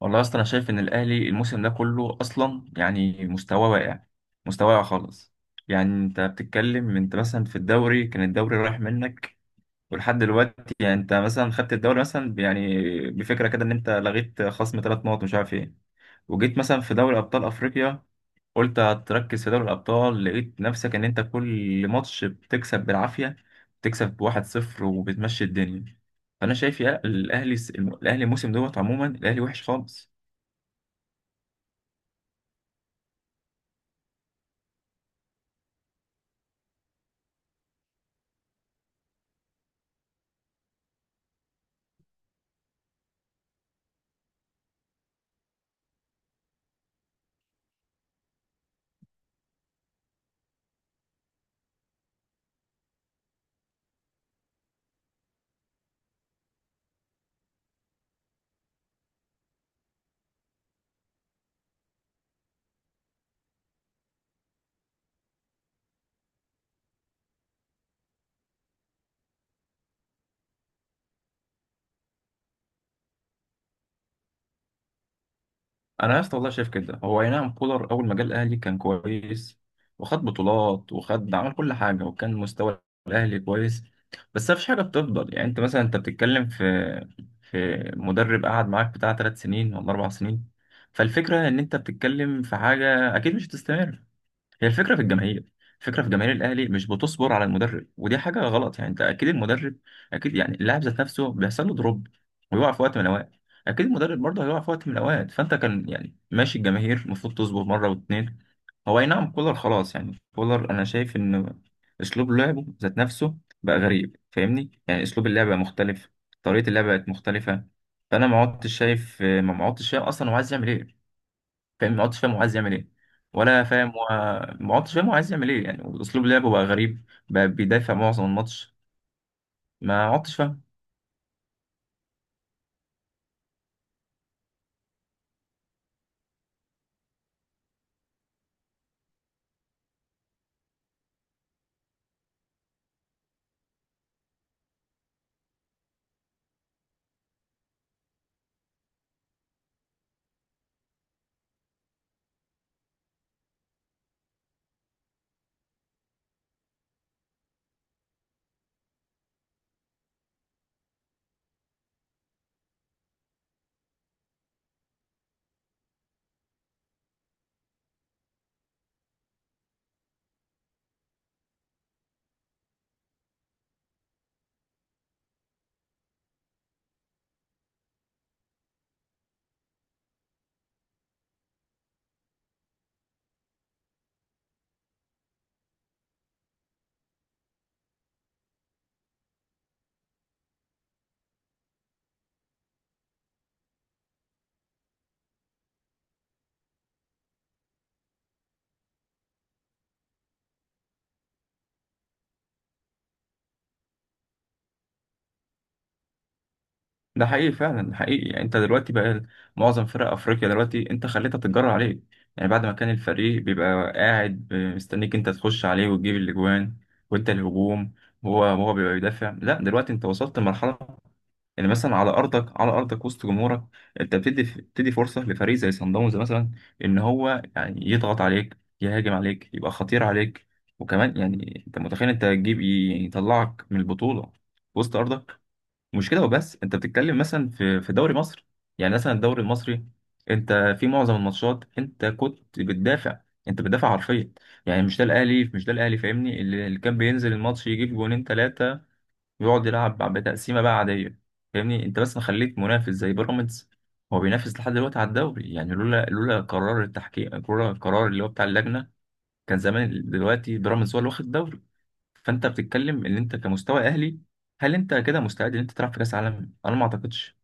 والله اصلا انا شايف ان الاهلي الموسم ده كله اصلا يعني مستواه واقع. مستواه واقع خالص. يعني انت بتتكلم، انت مثلا في الدوري كان الدوري رايح منك. ولحد دلوقتي يعني انت مثلا خدت الدوري مثلا بفكره كده ان انت لغيت خصم 3 نقط مش عارف ايه. وجيت مثلا في دوري ابطال افريقيا، قلت هتركز في دوري الابطال، لقيت نفسك ان انت كل ماتش بتكسب بالعافيه. بتكسب بواحد صفر وبتمشي الدنيا. فانا شايف يا الاهلي، الاهلي الموسم دوت عموما الاهلي وحش خالص. انا يا اسطى والله شايف كده، هو اي نعم كولر اول ما جه الاهلي كان كويس، وخد بطولات وخد عمل كل حاجه، وكان مستوى الاهلي كويس. بس مفيش حاجه بتفضل، يعني انت مثلا انت بتتكلم في مدرب قعد معاك بتاع 3 سنين ولا 4 سنين. فالفكره ان انت بتتكلم في حاجه اكيد مش هتستمر. هي الفكرة في الجماهير، الفكرة في جماهير الأهلي مش بتصبر على المدرب، ودي حاجة غلط. يعني أنت أكيد المدرب، أكيد يعني اللاعب ذات نفسه بيحصل له دروب، ويقع في وقت من الأوقات. أكيد المدرب برضه هيقع في وقت من الأوقات، فأنت كان يعني ماشي، الجماهير المفروض تصبر مرة واتنين. هو أي نعم كولر خلاص، يعني كولر أنا شايف إن أسلوب لعبه ذات نفسه بقى غريب. فاهمني؟ يعني أسلوب اللعب بقى مختلف، طريقة اللعب بقت مختلفة. فأنا ما عدتش شايف، ما عدتش شايف أصلا هو عايز يعمل إيه. فاهم، ما عدتش فاهم هو عايز يعمل ايه، ولا فاهم هو، ما عدتش فاهم هو عايز يعمل ايه. يعني اسلوب لعبه بقى غريب، بقى بيدافع معظم الماتش، ما عدتش فاهم. ده حقيقي فعلا، ده حقيقي. يعني انت دلوقتي بقى معظم فرق افريقيا دلوقتي انت خليتها تتجرى عليك. يعني بعد ما كان الفريق بيبقى قاعد مستنيك انت تخش عليه وتجيب الاجوان وانت الهجوم، وهو بيبقى بيدافع. لا، دلوقتي انت وصلت لمرحله يعني مثلا على ارضك، على ارضك وسط جمهورك، انت بتدي فرصه لفريق زي صن داونز مثلا ان هو يعني يضغط عليك، يهاجم عليك، يبقى خطير عليك. وكمان يعني انت متخيل انت تجيب، يطلعك من البطوله وسط ارضك. مش كده وبس، انت بتتكلم مثلا في دوري مصر، يعني مثلا الدوري المصري، انت في معظم الماتشات انت كنت بتدافع. انت بتدافع حرفيا. يعني مش ده الاهلي، مش ده الاهلي. فاهمني؟ اللي كان بينزل الماتش يجيب جونين ثلاثه، يقعد يلعب بتقسيمه بقى عاديه. فاهمني؟ انت بس مخليك منافس زي بيراميدز. هو بينافس لحد دلوقتي على الدوري، يعني لولا قرار التحكيم، لولا القرار اللي هو بتاع اللجنه كان زمان دلوقتي بيراميدز هو اللي واخد الدوري. فانت بتتكلم ان انت كمستوى اهلي، هل انت كده مستعد ان انت تلعب في كاس عالم؟ انا ما اعتقدش.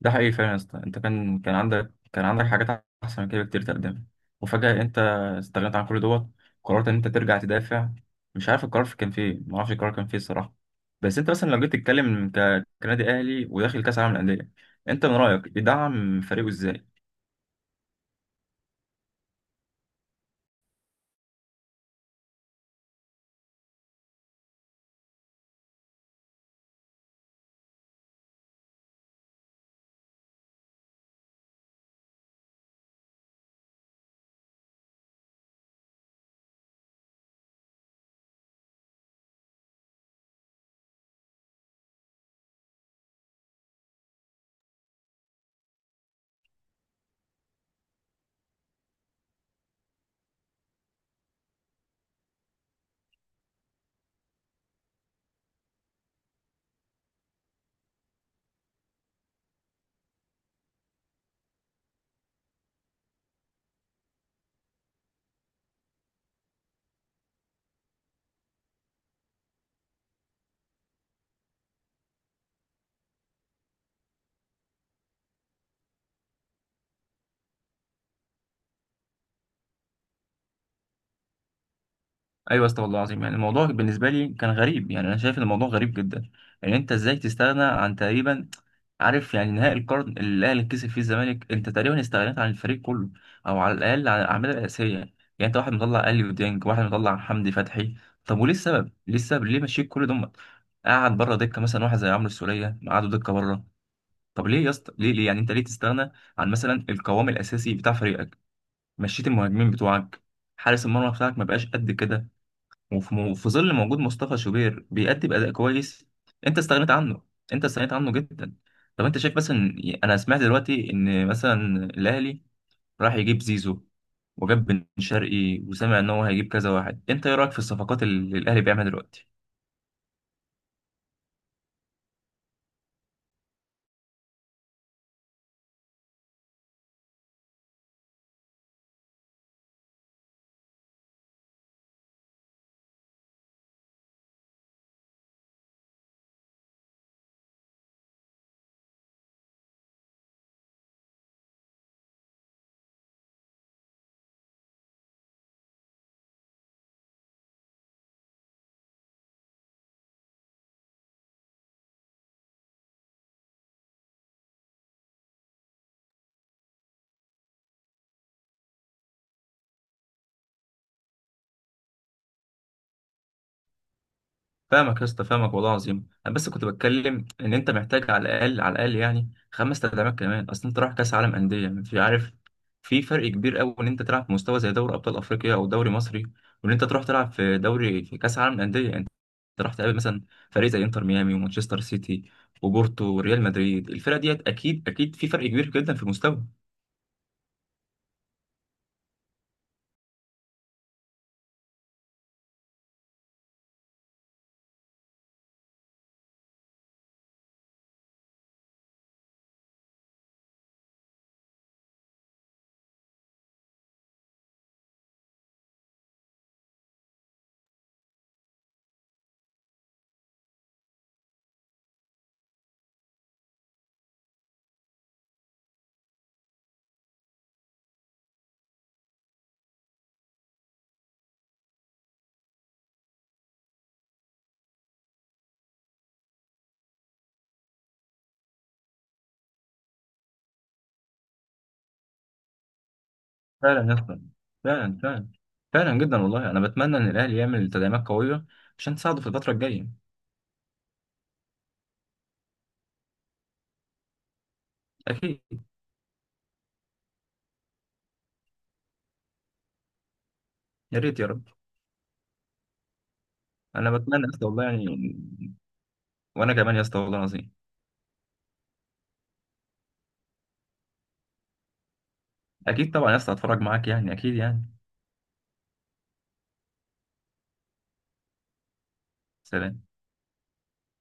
ده حقيقي فعلا يا اسطى، انت كان، كان عندك، كان عندك حاجات احسن من كده كتير تقدمها، وفجأة انت استغنيت عن كل دوت. قررت ان انت ترجع تدافع. مش عارف القرار كان فيه ايه، ما اعرفش القرار كان فيه الصراحة. بس انت مثلا لو جيت تتكلم كنادي اهلي وداخل كاس العالم للأندية، انت من رأيك يدعم فريقه ازاي؟ ايوه يا اسطى والله العظيم، يعني الموضوع بالنسبه لي كان غريب. يعني انا شايف ان الموضوع غريب جدا. يعني انت ازاي تستغنى عن تقريبا، عارف، يعني نهائي القرن اللي الاهلي كسب فيه الزمالك انت تقريبا استغنيت عن الفريق كله، او على الاقل عن الاعمال الاساسيه. يعني انت واحد مطلع اليو ديانج، واحد مطلع حمدي فتحي. طب وليه السبب؟ ليه السبب؟ ليه مشيت كل دمت؟ قعد بره دكه مثلا واحد زي عمرو السوليه، قعدوا دكه بره. طب ليه يا اسطى؟ ليه ليه يعني؟ انت ليه تستغنى عن مثلا القوام الاساسي بتاع فريقك؟ مشيت المهاجمين بتوعك. حارس المرمى بتاعك ما بقاش قد كده، وفي ظل موجود مصطفى شوبير بيأدي بأداء كويس انت استغنيت عنه. انت استغنيت عنه جدا. طب انت شايف مثلا، انا سمعت دلوقتي ان مثلا الاهلي راح يجيب زيزو، وجاب بن شرقي، وسمع ان هو هيجيب كذا واحد. انت ايه رايك في الصفقات اللي الاهلي بيعملها دلوقتي؟ فاهمك يا اسطى، فاهمك والله العظيم. انا بس كنت بتكلم ان انت محتاج على الاقل، على الاقل يعني 5 تدعيمات كمان، اصل انت رايح كاس عالم انديه يعني، في عارف، في فرق كبير قوي ان انت تلعب في مستوى زي دوري ابطال افريقيا او دوري مصري، وان انت تروح تلعب في دوري في كاس عالم انديه يعني. انت راح تقابل مثلا فريق زي انتر ميامي ومانشستر سيتي وبورتو وريال مدريد. الفرق ديت اكيد، اكيد في فرق كبير جدا في المستوى. فعلا يا اسطى، فعلا فعلا، فعلا جدا والله. انا بتمنى ان الاهلي يعمل تدعيمات قويه عشان تساعده في الفتره الجايه. اكيد، يا ريت يا رب. انا بتمنى يا اسطى والله يعني. وانا كمان يا اسطى والله العظيم. اكيد طبعا يا اسطى، هتفرج معاك يعني، اكيد يعني. سلام.